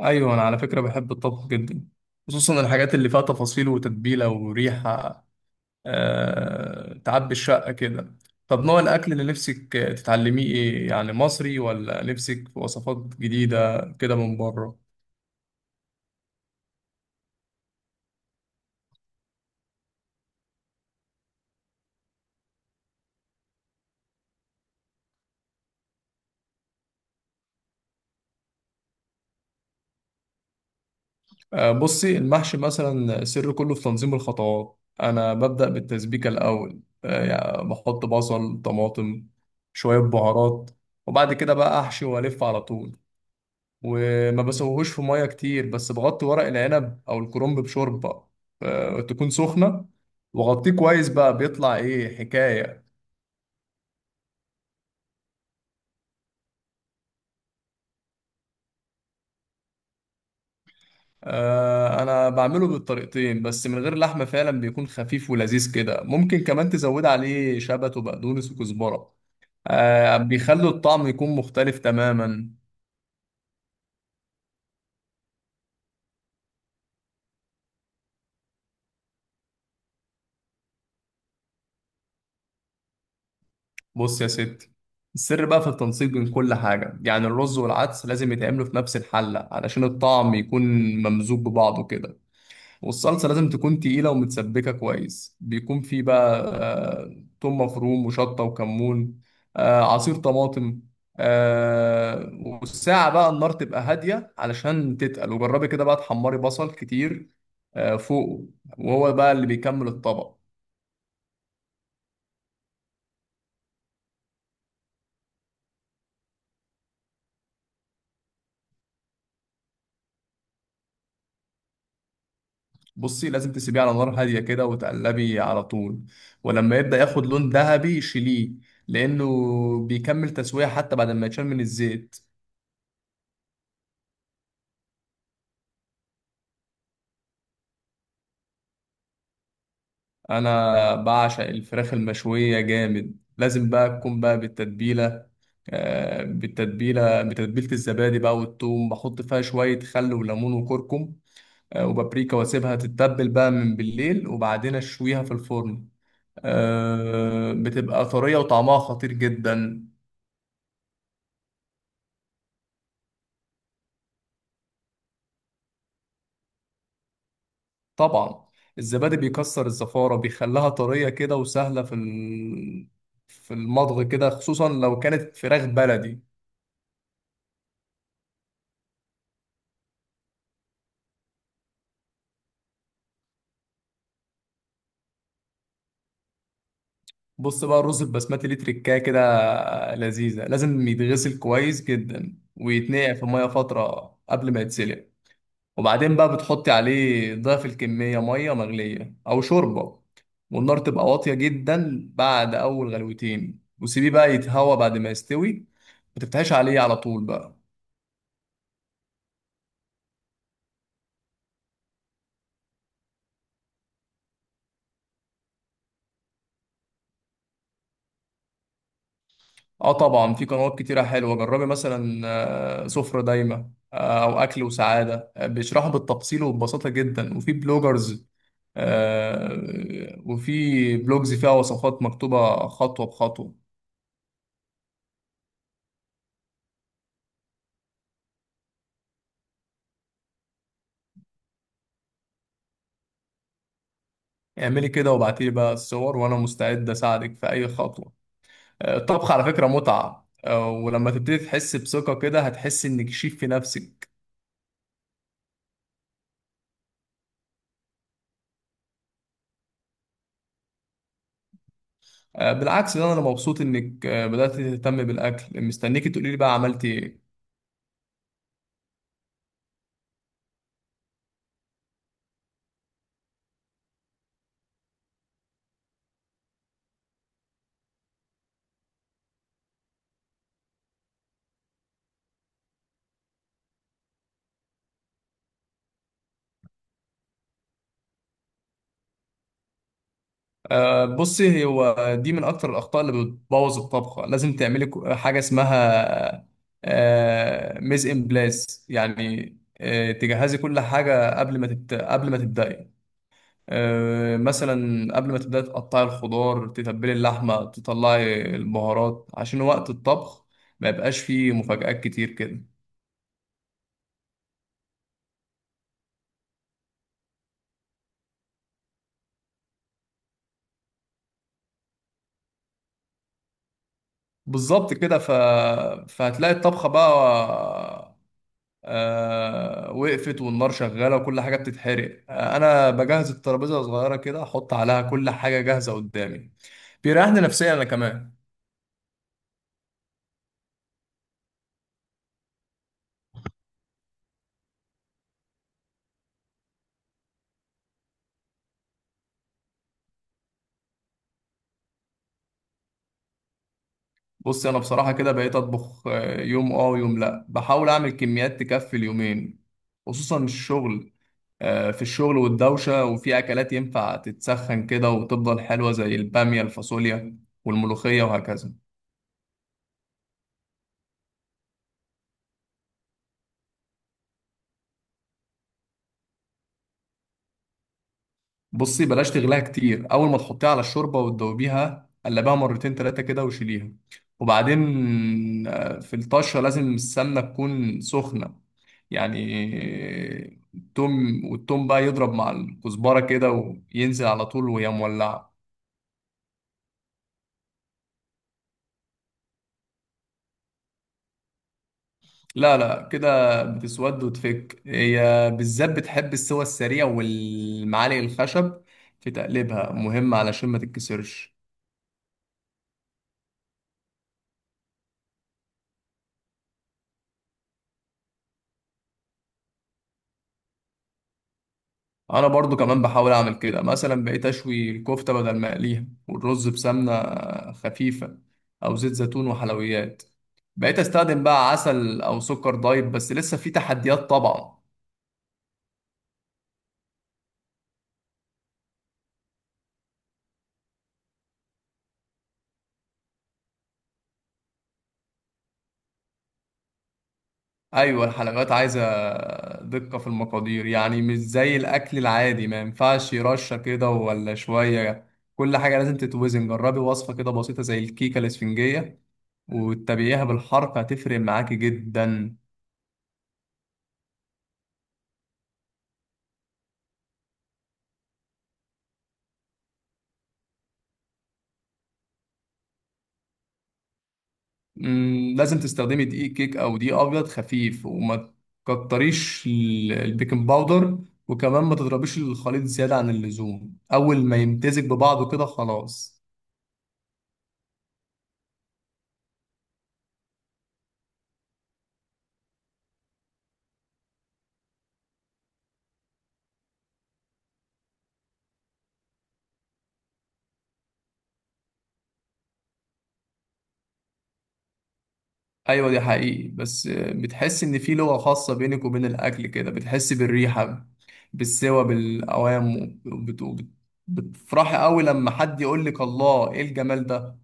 ايوه، انا على فكره بحب الطبخ جدا، خصوصا الحاجات اللي فيها تفاصيل وتتبيله وريحه. تعبي الشقه كده. طب نوع الاكل اللي نفسك تتعلميه ايه؟ يعني مصري ولا نفسك في وصفات جديده كده من بره؟ بصي، المحشي مثلا السر كله في تنظيم الخطوات. انا ببدا بالتسبيكه الاول، يعني بحط بصل، طماطم، شويه بهارات، وبعد كده بقى احشي والف على طول. وما بسويهوش في ميه كتير، بس بغطي ورق العنب او الكرنب بشوربه، تكون سخنه، وغطيه كويس. بقى بيطلع ايه حكايه! انا بعمله بالطريقتين، بس من غير لحمه فعلا بيكون خفيف ولذيذ كده. ممكن كمان تزود عليه شبت وبقدونس وكزبره، بيخلوا الطعم يكون مختلف تماما. بص يا ستي، السر بقى في التنسيق بين كل حاجة. يعني الرز والعدس لازم يتعملوا في نفس الحلة علشان الطعم يكون ممزوج ببعضه كده. والصلصة لازم تكون تقيلة ومتسبكة كويس، بيكون في بقى توم مفروم وشطة وكمون، عصير طماطم. والساعة بقى النار تبقى هادية علشان تتقل. وجربي كده بقى تحمري بصل كتير، فوقه، وهو بقى اللي بيكمل الطبق. بصي، لازم تسيبيه على نار هادية كده وتقلبي على طول، ولما يبدأ ياخد لون ذهبي شيليه، لأنه بيكمل تسوية حتى بعد ما يتشال من الزيت. انا بعشق الفراخ المشويه جامد. لازم بقى تكون بقى بالتتبيله، بالتتبيله، بتتبيله الزبادي بقى والثوم. بحط فيها شويه خل وليمون وكركم، وبابريكا، واسيبها تتبل بقى من بالليل وبعدين اشويها في الفرن. بتبقى طريه وطعمها خطير جدا. طبعا الزبادي بيكسر الزفاره، بيخليها طريه كده وسهله في في المضغ كده، خصوصا لو كانت فراخ بلدي. بص بقى، الرز البسمتي ليه تركايه كده لذيذة. لازم يتغسل كويس جدا ويتنقع في مية فترة قبل ما يتسلق. وبعدين بقى بتحطي عليه ضعف الكمية مية مغلية أو شوربة، والنار تبقى واطية جدا بعد أول غلوتين، وسيبيه بقى يتهوى بعد ما يستوي. ما تفتحيش عليه على طول بقى. اه طبعا، في قنوات كتيرة حلوة. جربي مثلا سفرة دايمة، أو أكل وسعادة، بيشرحوا بالتفصيل وببساطة جدا. وفي بلوجرز، وفي بلوجز فيها وصفات مكتوبة خطوة بخطوة. اعملي كده وابعتيلي بقى الصور، وأنا مستعد أساعدك في أي خطوة. الطبخ على فكرة متعة، ولما تبتدي تحس بثقة كده هتحسي إنك شيف في نفسك. بالعكس، ده أنا مبسوط إنك بدأت تهتم بالأكل. مستنيكي تقولي لي بقى عملتي إيه. بصي، هو دي من اكتر الاخطاء اللي بتبوظ الطبخه. لازم تعملي حاجه اسمها ميز ان بلاس، يعني تجهزي كل حاجه قبل ما قبل ما تبداي. مثلا قبل ما تبداي تقطعي الخضار، تتبلي اللحمه، تطلعي البهارات، عشان وقت الطبخ ما يبقاش فيه مفاجآت كتير كده. بالظبط كده. فهتلاقي الطبخه بقى وقفت، والنار شغاله وكل حاجه بتتحرق. انا بجهز الترابيزه صغيره كده، احط عليها كل حاجه جاهزه قدامي. بيريحني نفسيا انا كمان. بص، انا بصراحه كده بقيت اطبخ يوم اه ويوم لا. بحاول اعمل كميات تكفي اليومين، خصوصا الشغل، في الشغل والدوشه. وفي اكلات ينفع تتسخن كده وتفضل حلوه، زي الباميه، الفاصوليا، والملوخيه وهكذا. بصي، بلاش تغليها كتير. اول ما تحطيها على الشوربه وتدوبيها قلبها مرتين تلاتة كده وشيليها. وبعدين في الطشه لازم السمنه تكون سخنه، يعني التوم، والتوم بقى يضرب مع الكزبره كده، وينزل على طول وهي مولعه. لا لا، كده بتسود وتفك. هي بالذات بتحب السوى السريع، والمعالق الخشب في تقليبها مهم علشان ما تتكسرش. انا برضو كمان بحاول اعمل كده. مثلا بقيت اشوي الكفته بدل ما اقليها، والرز بسمنه خفيفه او زيت زيتون. وحلويات، بقيت استخدم بقى عسل او سكر دايت، بس لسه في تحديات طبعا. ايوه، الحلويات عايزه دقه في المقادير، يعني مش زي الاكل العادي. ما ينفعش رشه كده ولا شويه، كل حاجه لازم تتوزن. جربي وصفه كده بسيطه زي الكيكه الاسفنجيه، وتتابعيها بالحركه هتفرق معاكي جدا. مم، لازم تستخدمي دقيق كيك او دقيق ابيض خفيف، وما تكتريش البيكنج باودر، وكمان ما تضربيش الخليط زيادة عن اللزوم. اول ما يمتزج ببعضه كده خلاص. ايوه، دي حقيقي. بس بتحس ان في لغة خاصة بينك وبين الاكل كده. بتحس بالريحة، بالسوى، بالاوام، بتفرحي قوي لما حد يقول لك الله، ايه الجمال ده.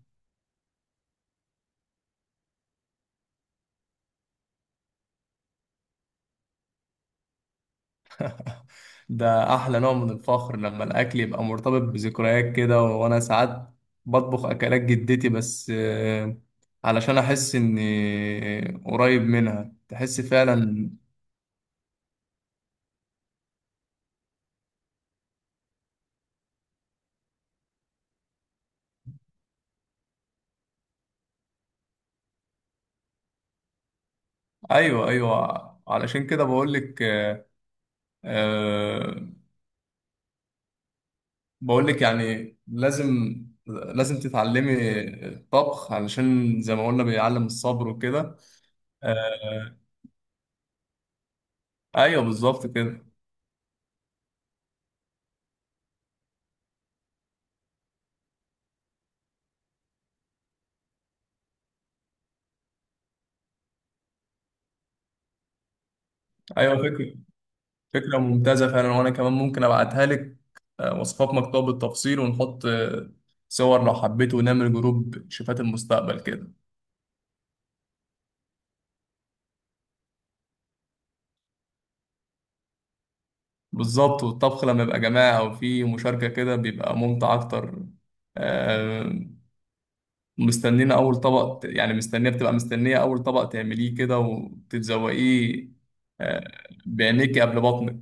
ده احلى نوع من الفخر، لما الاكل يبقى مرتبط بذكريات كده. وانا ساعات بطبخ اكلات جدتي، بس علشان احس اني قريب منها. تحس فعلا. ايوه ايوه، علشان كده بقول لك آه، بقول لك يعني لازم، لازم تتعلمي الطبخ، علشان زي ما قلنا بيعلم الصبر وكده. آه، ايوه بالظبط كده. ايوه فكرة، فكرة ممتازة فعلا. وأنا كمان ممكن أبعتها لك وصفات مكتوبة بالتفصيل، ونحط صور لو حبيت، ونعمل جروب شيفات المستقبل كده. بالظبط، والطبخ لما يبقى جماعة أو في مشاركة كده بيبقى ممتع أكتر. آه، مستنينا أول طبق مستنية أول طبق تعمليه كده وتتذوقيه آه، بعينيكي قبل بطنك.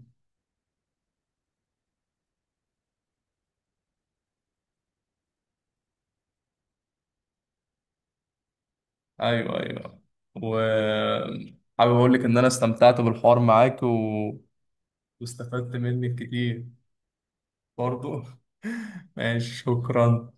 أيوه أيوه، وحابب أقول لك إن أنا استمتعت بالحوار معاك واستفدت منك كتير برضو. ماشي، شكرا.